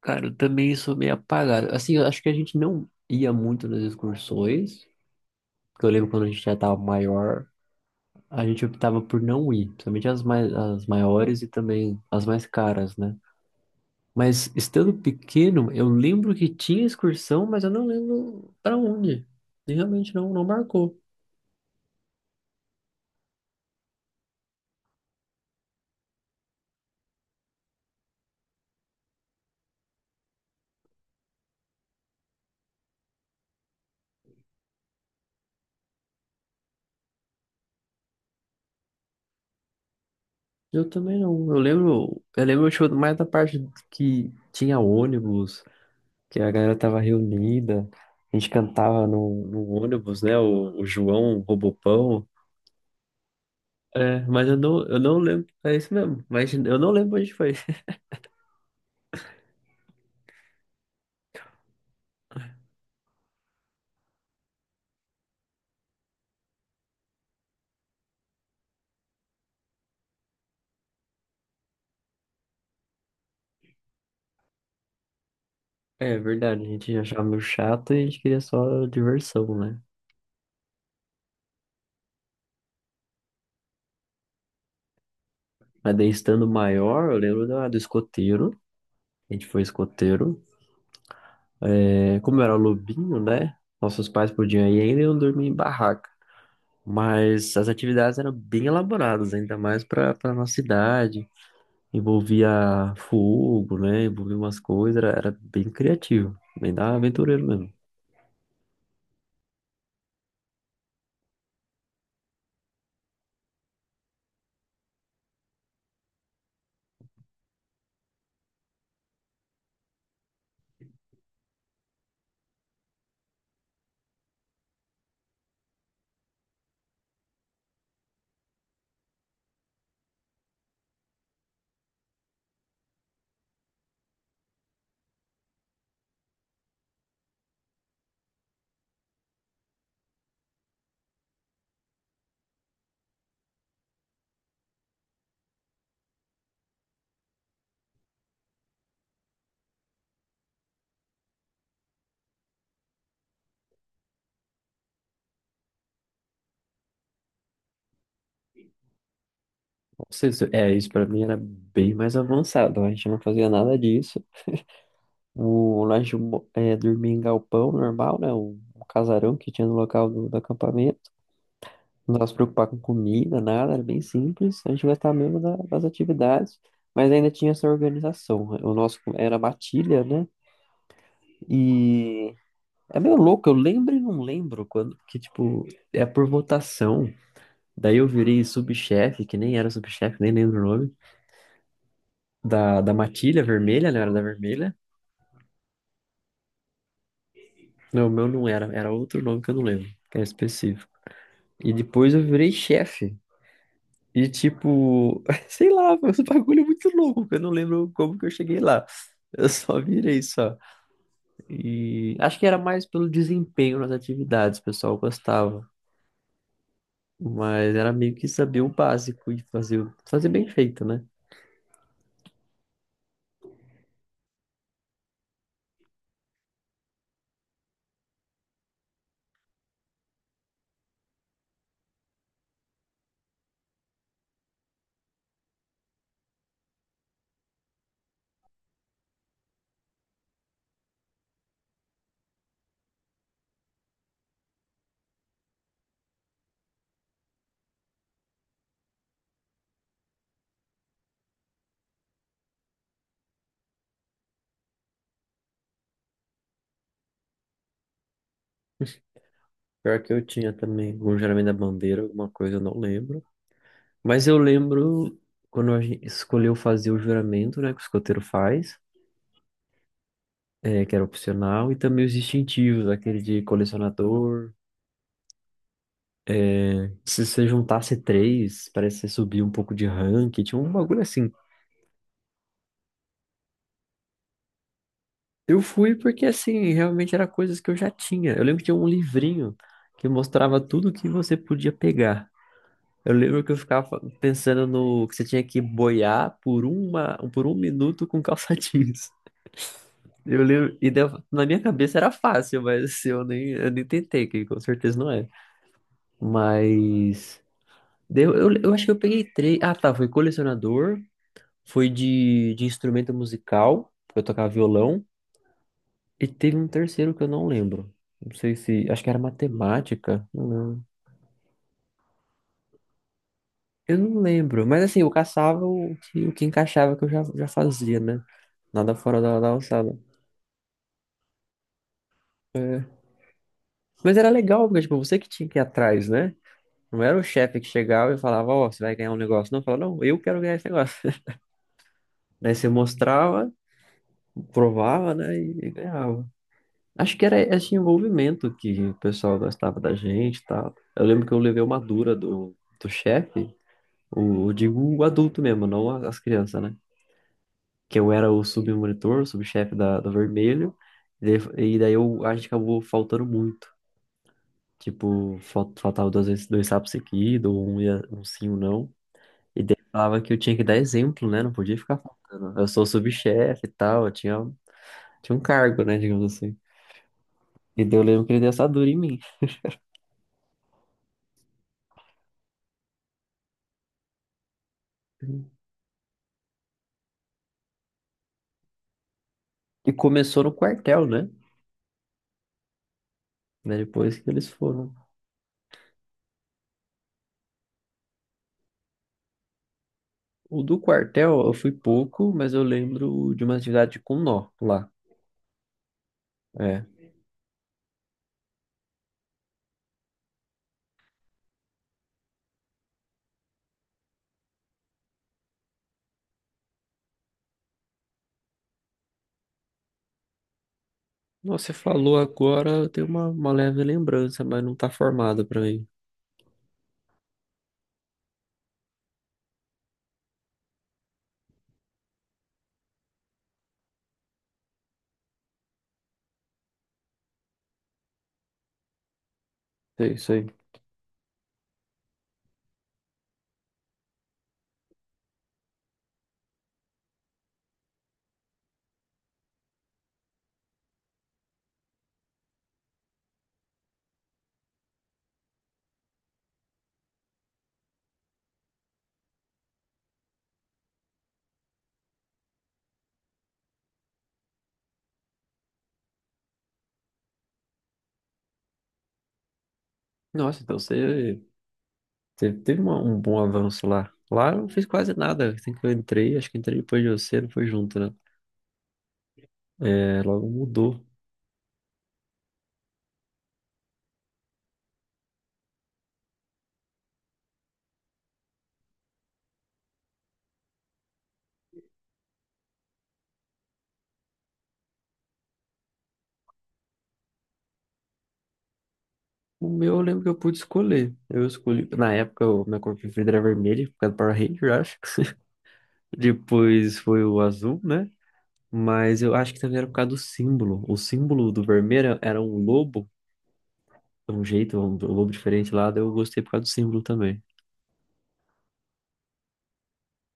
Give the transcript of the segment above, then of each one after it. Cara, eu também sou meio apagado. Assim, eu acho que a gente não ia muito nas excursões, porque eu lembro quando a gente já tava maior, a gente optava por não ir, principalmente as mais, as maiores e também as mais caras, né? Mas estando pequeno, eu lembro que tinha excursão, mas eu não lembro pra onde. E realmente não marcou. Eu também não. Eu lembro acho, mais da parte que tinha ônibus, que a galera tava reunida, a gente cantava no ônibus, né? O João, o Robopão. É, mas eu não lembro. É isso mesmo, mas eu não lembro onde foi. É verdade, a gente achava meio chato e a gente queria só diversão, né? Mas daí estando maior, eu lembro do escoteiro. A gente foi escoteiro. É, como era lobinho, né? Nossos pais podiam ir ainda e eu dormia em barraca. Mas as atividades eram bem elaboradas, ainda mais para nossa idade. Envolvia fogo, né? Envolvia umas coisas, era bem criativo, bem da aventureiro mesmo. Não sei se- É, isso pra mim era bem mais avançado, a gente não fazia nada disso. O, lá a gente mo- É, dormia em galpão normal, né? Um casarão que tinha no local do acampamento. Não se preocupar com comida, nada, era bem simples. A gente gostava mesmo das atividades, mas ainda tinha essa organização, né? O nosso era matilha, né? E é meio louco, eu lembro e não lembro quando, que tipo, é por votação. Daí eu virei subchefe, que nem era subchefe, nem lembro o nome, da matilha vermelha, né? Era da vermelha. Não, o meu não era, era outro nome que eu não lembro, que era específico. E depois eu virei chefe. E tipo, sei lá, foi um bagulho muito louco, que eu não lembro como que eu cheguei lá. Eu só virei só. E acho que era mais pelo desempenho nas atividades, o pessoal gostava. Mas era meio que saber o básico e fazer, fazer bem feito, né? Pior que eu tinha também algum geralmente da bandeira, alguma coisa, eu não lembro. Mas eu lembro quando a gente escolheu fazer o juramento, né, que o escoteiro faz, é, que era opcional, e também os distintivos, aquele de colecionador. É, se você juntasse três, parece que você subia um pouco de rank, tinha um bagulho assim. Eu fui porque, assim, realmente era coisas que eu já tinha. Eu lembro que tinha um livrinho que mostrava tudo que você podia pegar. Eu lembro que eu ficava pensando no que você tinha que boiar por por um minuto com calça jeans. Eu lembro, na minha cabeça era fácil, mas assim, eu nem tentei, que com certeza não é. Mas deu, eu acho que eu peguei três. Ah, tá, foi colecionador, foi de instrumento musical, eu tocava violão, e teve um terceiro que eu não lembro. Não sei se, acho que era matemática, não lembro. Eu não lembro, mas assim, eu caçava o que encaixava que eu já, já fazia, né? Nada fora da alçada. Mas era legal, porque tipo, você que tinha que ir atrás, né? Não era o chefe que chegava e falava, ó, você vai ganhar um negócio. Não, eu falava, não, eu quero ganhar esse negócio. Daí você mostrava, provava, né? E ganhava. Acho que era esse envolvimento que o pessoal gostava da gente e tal. Eu lembro que eu levei uma dura do chefe, o, eu digo o adulto mesmo, não as crianças, né? Que eu era o submonitor, o subchefe da Vermelho, e daí eu, a gente acabou faltando muito. Tipo, faltava duas vezes dois sapos seguidos, ou um, ia, um sim, um não. E daí falava que eu tinha que dar exemplo, né? Não podia ficar faltando. Eu sou o subchefe e tal, tinha um cargo, né? Digamos assim. E daí eu lembro que ele deu essa dura em mim. E começou no quartel, né? Né, depois que eles foram. O do quartel eu fui pouco, mas eu lembro de uma atividade com nó lá. É, nossa, você falou agora, eu tenho uma leve lembrança, mas não tá formada pra mim. É isso aí. Nossa, então você teve um bom avanço lá. Lá eu não fiz quase nada. Assim que eu entrei, acho que entrei depois de você, não foi junto, né? É, logo mudou. O meu eu lembro que eu pude escolher. Eu escolhi, na época, o minha cor preferida era vermelha, por causa do Power Ranger, eu acho. Depois foi o azul, né? Mas eu acho que também era por causa do símbolo. O símbolo do vermelho era um lobo, de um jeito, um lobo diferente lá, daí eu gostei por causa do símbolo também.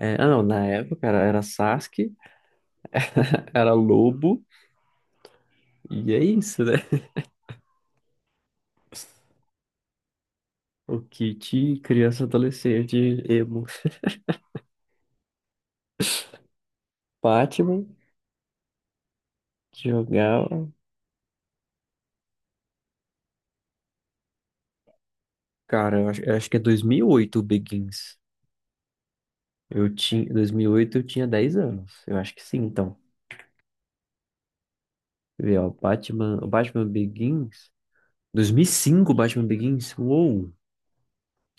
É, ah, não, na época era Sasuke, era Lobo, e é isso, né? O kit criança adolescente emo. Batman, que jogava. Cara, eu acho que é 2008 o Begins. Eu tinha, 2008 eu tinha 10 anos. Eu acho que sim, então. Quer ver ó, Batman, o Batman Begins. 2005 o Batman Begins? Uou!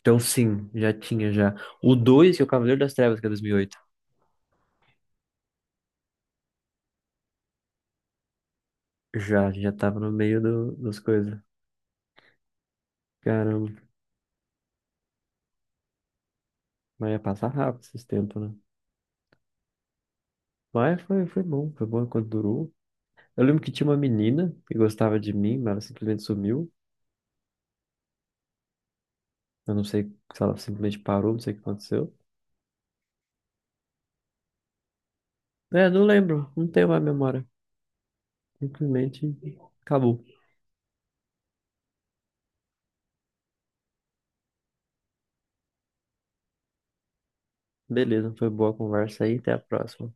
Então sim, já tinha já. O 2 que é o Cavaleiro das Trevas, que é dois mil e oito. Já, já tava no meio do, das coisas. Cara, mas ia passar rápido esses tempos, né? Mas foi, foi bom enquanto durou. Eu lembro que tinha uma menina que gostava de mim, mas ela simplesmente sumiu. Eu não sei se ela simplesmente parou, não sei o que aconteceu. É, não lembro, não tenho mais memória. Simplesmente acabou. Beleza, foi boa a conversa aí, até a próxima.